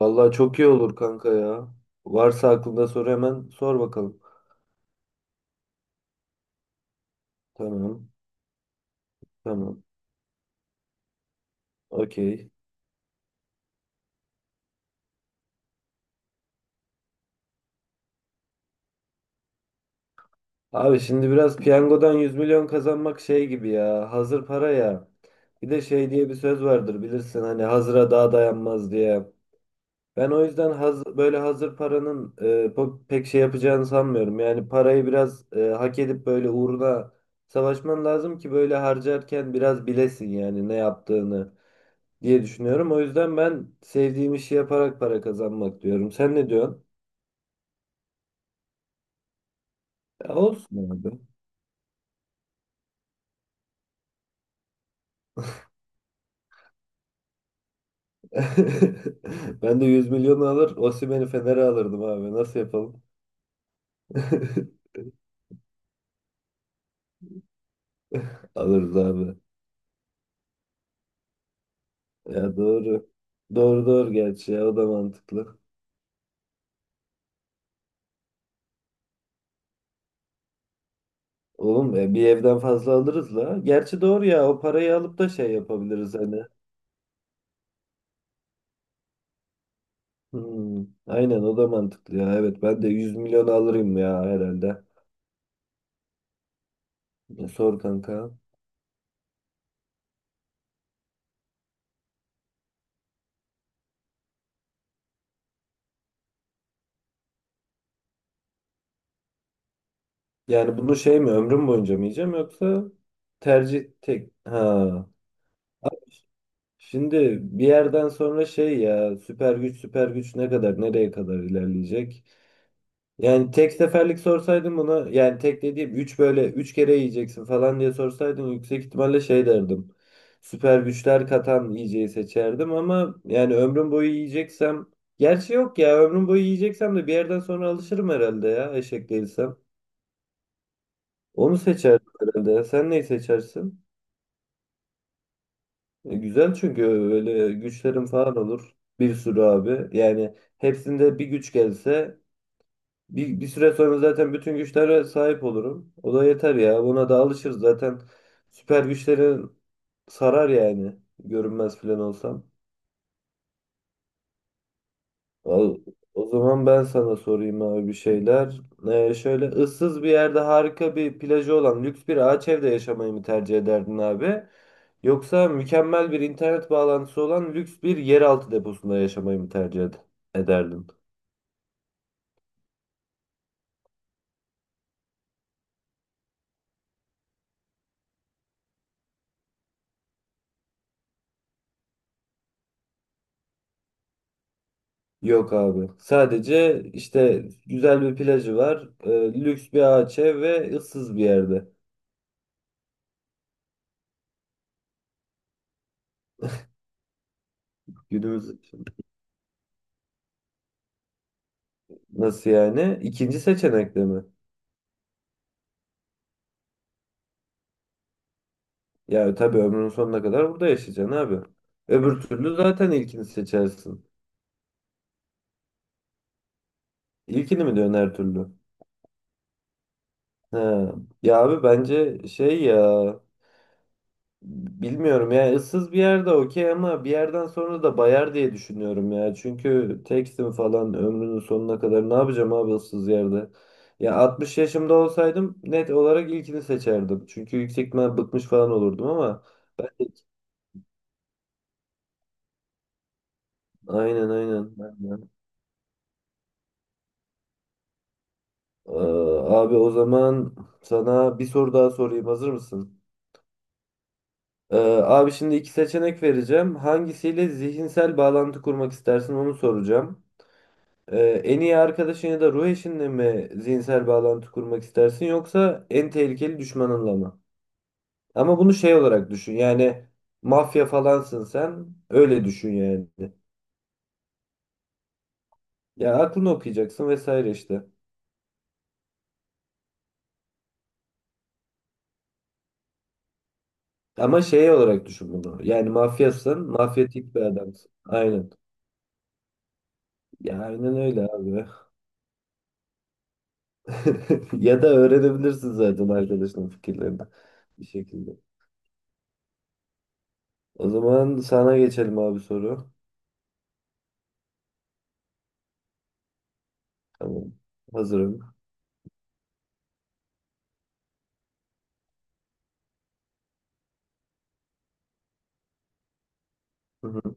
Vallahi çok iyi olur kanka ya. Varsa aklında sor hemen sor bakalım. Tamam. Tamam. Okey. Abi şimdi biraz piyangodan 100 milyon kazanmak şey gibi ya. Hazır para ya. Bir de şey diye bir söz vardır bilirsin hani hazıra daha dayanmaz diye. Ben o yüzden böyle hazır paranın pek şey yapacağını sanmıyorum. Yani parayı biraz hak edip böyle uğruna savaşman lazım ki böyle harcarken biraz bilesin yani ne yaptığını diye düşünüyorum. O yüzden ben sevdiğim işi yaparak para kazanmak diyorum. Sen ne diyorsun? Ya olsun abi. Ben de 100 milyonu alır, Osimhen'i Fener'e alırdım abi. Nasıl yapalım? Alırız abi. Ya doğru. Doğru doğru gerçi ya o da mantıklı. Oğlum bir evden fazla alırız la. Gerçi doğru ya o parayı alıp da şey yapabiliriz hani. Hmm, aynen o da mantıklı ya. Evet ben de 100 milyon alırım ya herhalde. Sor kanka. Yani bunu şey mi ömrüm boyunca mı yiyeceğim yoksa tercih tek ha. Şimdi bir yerden sonra şey ya süper güç süper güç ne kadar nereye kadar ilerleyecek? Yani tek seferlik sorsaydın bunu yani tek dediğim 3 böyle 3 kere yiyeceksin falan diye sorsaydın yüksek ihtimalle şey derdim. Süper güçler katan yiyeceği seçerdim ama yani ömrüm boyu yiyeceksem gerçi yok ya ömrüm boyu yiyeceksem de bir yerden sonra alışırım herhalde ya eşek değilsem. Onu seçerdim herhalde. Sen neyi seçersin? Güzel çünkü öyle güçlerin falan olur. Bir sürü abi. Yani hepsinde bir güç gelse bir süre sonra zaten bütün güçlere sahip olurum. O da yeter ya. Buna da alışırız zaten. Süper güçlerin sarar yani. Görünmez falan olsam. Al- O zaman ben sana sorayım abi bir şeyler. Şöyle ıssız bir yerde harika bir plajı olan lüks bir ağaç evde yaşamayı mı tercih ederdin abi? Yoksa mükemmel bir internet bağlantısı olan lüks bir yeraltı deposunda yaşamayı mı tercih ederdin? Yok abi. Sadece işte güzel bir plajı var, lüks bir ağaç ev ve ıssız bir yerde. Günümüz nasıl yani? İkinci seçenekte mi? Ya tabii ömrünün sonuna kadar burada yaşayacaksın abi. Öbür türlü zaten ilkini seçersin. İlkini mi diyorsun her türlü? He. Ya abi bence şey ya bilmiyorum ya ıssız bir yerde okey ama bir yerden sonra da bayar diye düşünüyorum ya. Çünkü tekstim falan ömrünün sonuna kadar ne yapacağım abi ıssız yerde? Ya 60 yaşımda olsaydım net olarak ilkini seçerdim. Çünkü yüksek ihtimal bıkmış falan olurdum ama ben de aynen aynen. Ee, Abi o zaman sana bir soru daha sorayım. Hazır mısın? Ee, Abi şimdi iki seçenek vereceğim. Hangisiyle zihinsel bağlantı kurmak istersin onu soracağım. En iyi arkadaşın ya da ruh eşinle mi zihinsel bağlantı kurmak istersin yoksa en tehlikeli düşmanınla mı? Ama bunu şey olarak düşün. Yani mafya falansın sen. Öyle düşün yani. Ya aklını okuyacaksın vesaire işte. Ama şey olarak düşün bunu. Yani mafyasın, mafyatik bir adamsın. Aynen. Ya aynen öyle abi. Ya da öğrenebilirsin zaten arkadaşının fikirlerini bir şekilde. O zaman sana geçelim abi soru. Tamam. Hazırım. Hı hı.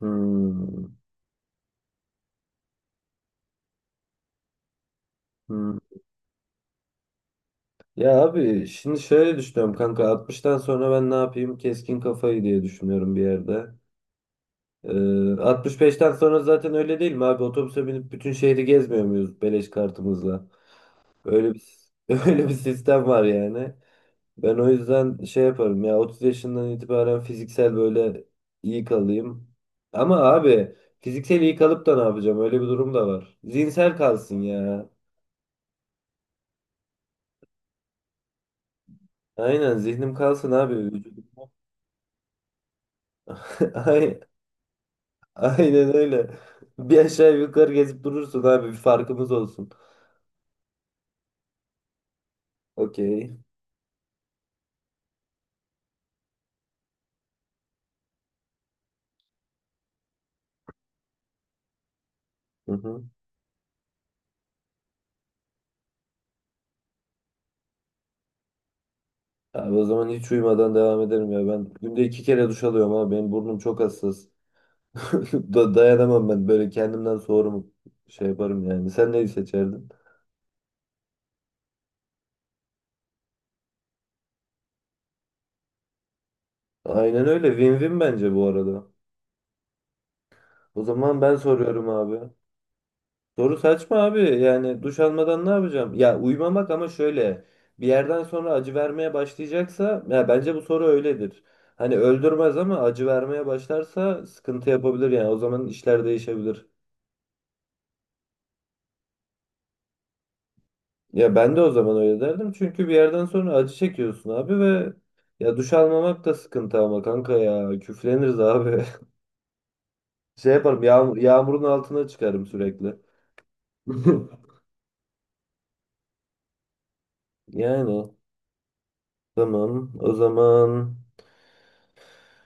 Hmm. Hmm. Ya abi şimdi şöyle düşünüyorum kanka 60'tan sonra ben ne yapayım? Keskin kafayı diye düşünüyorum bir yerde. Ee, 65'ten sonra zaten öyle değil mi abi? Otobüse binip bütün şehri gezmiyor muyuz beleş kartımızla? Öyle bir öyle bir sistem var yani. Ben o yüzden şey yaparım ya 30 yaşından itibaren fiziksel böyle iyi kalayım. Ama abi fiziksel iyi kalıp da ne yapacağım? Öyle bir durum da var. Zihinsel kalsın ya. Aynen zihnim kalsın abi. Vücudum- Ay, aynen öyle. Bir aşağı yukarı gezip durursun abi bir farkımız olsun. Okey. Hı hı. Abi o zaman hiç uyumadan devam ederim ya. Ben günde iki kere duş alıyorum abi. Benim burnum çok hassas. Dayanamam ben böyle kendimden soğurum şey yaparım yani. Sen neyi seçerdin? Aynen öyle. Win-win bence bu arada. O zaman ben soruyorum abi. Soru saçma abi. Yani duş almadan ne yapacağım? Ya uyumamak ama şöyle. Bir yerden sonra acı vermeye başlayacaksa ya bence bu soru öyledir. Hani öldürmez ama acı vermeye başlarsa sıkıntı yapabilir yani. O zaman işler değişebilir. Ya ben de o zaman öyle derdim. Çünkü bir yerden sonra acı çekiyorsun abi ve ya duş almamak da sıkıntı ama kanka ya küfleniriz abi. Şey yaparım yağmurun altına çıkarım sürekli. Yani. Tamam. O zaman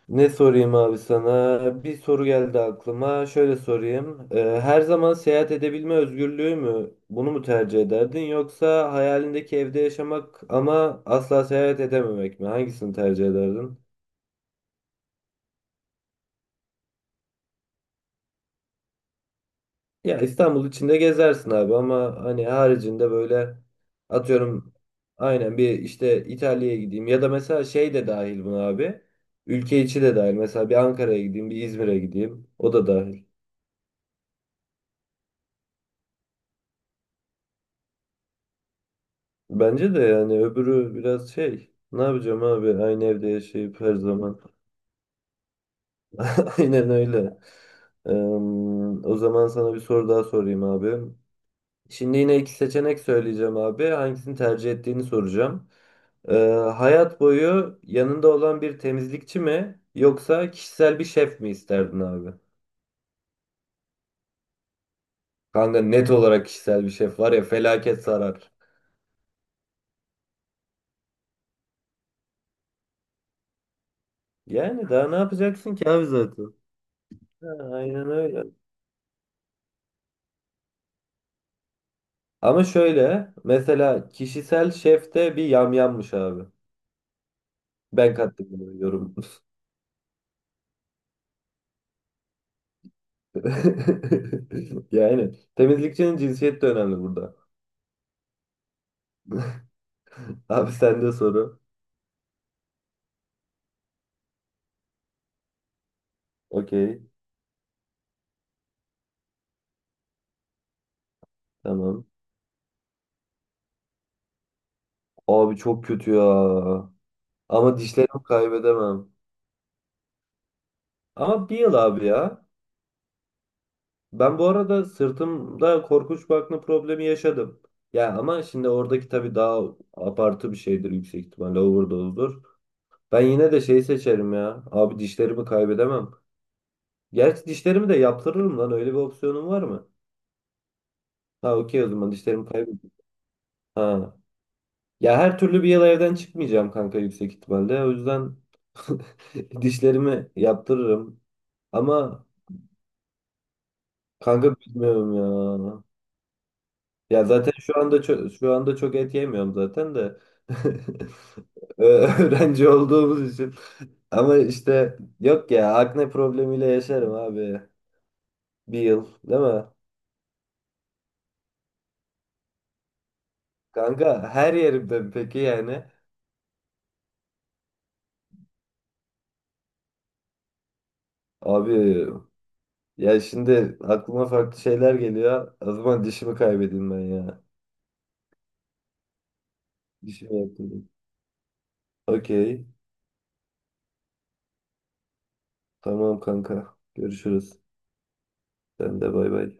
ne sorayım abi sana? Bir soru geldi aklıma. Şöyle sorayım. Her zaman seyahat edebilme özgürlüğü mü? Bunu mu tercih ederdin? Yoksa hayalindeki evde yaşamak ama asla seyahat edememek mi? Hangisini tercih ederdin? Ya İstanbul içinde gezersin abi ama hani haricinde böyle atıyorum aynen bir işte İtalya'ya gideyim ya da mesela şey de dahil buna abi. Ülke içi de dahil. Mesela bir Ankara'ya gideyim, bir İzmir'e gideyim. O da dahil. Bence de yani öbürü biraz şey. Ne yapacağım abi aynı evde yaşayıp her zaman. Aynen öyle. Eee, O zaman sana bir soru daha sorayım abi. Şimdi yine iki seçenek söyleyeceğim abi. Hangisini tercih ettiğini soracağım. Eee, Hayat boyu yanında olan bir temizlikçi mi yoksa kişisel bir şef mi isterdin abi? Kanka net olarak kişisel bir şef var ya felaket sarar. Yani daha ne yapacaksın ki abi zaten? Ha, aynen öyle. Ama şöyle mesela kişisel şefte bir yamyammış abi. Ben katılıyorum. Yani temizlikçinin cinsiyeti de önemli burada. Abi sende soru. Okey. Tamam. Abi çok kötü ya. Ama dişlerimi kaybedemem. Ama bir yıl abi ya. Ben bu arada sırtımda korkunç bir akne problemi yaşadım. Ya ama şimdi oradaki tabii daha abartı bir şeydir yüksek ihtimalle overdose'dur. Ben yine de şey seçerim ya. Abi dişlerimi kaybedemem. Gerçi dişlerimi de yaptırırım lan. Öyle bir opsiyonum var mı? Ha, okey o zaman dişlerimi kaybettim. Ha. Ya her türlü bir yıl evden çıkmayacağım kanka yüksek ihtimalle. O yüzden dişlerimi yaptırırım. Ama kanka bilmiyorum ya. Ya zaten şu anda çok et yemiyorum zaten de. Öğrenci olduğumuz için. Ama işte yok ya akne problemiyle yaşarım abi. Bir yıl değil mi? Kanka her yerimde peki yani. Abi, ya şimdi aklıma farklı şeyler geliyor. O zaman dişimi kaybedeyim ben ya. Dişimi yaptım. Okey. Tamam kanka. Görüşürüz. Sen de bay bay.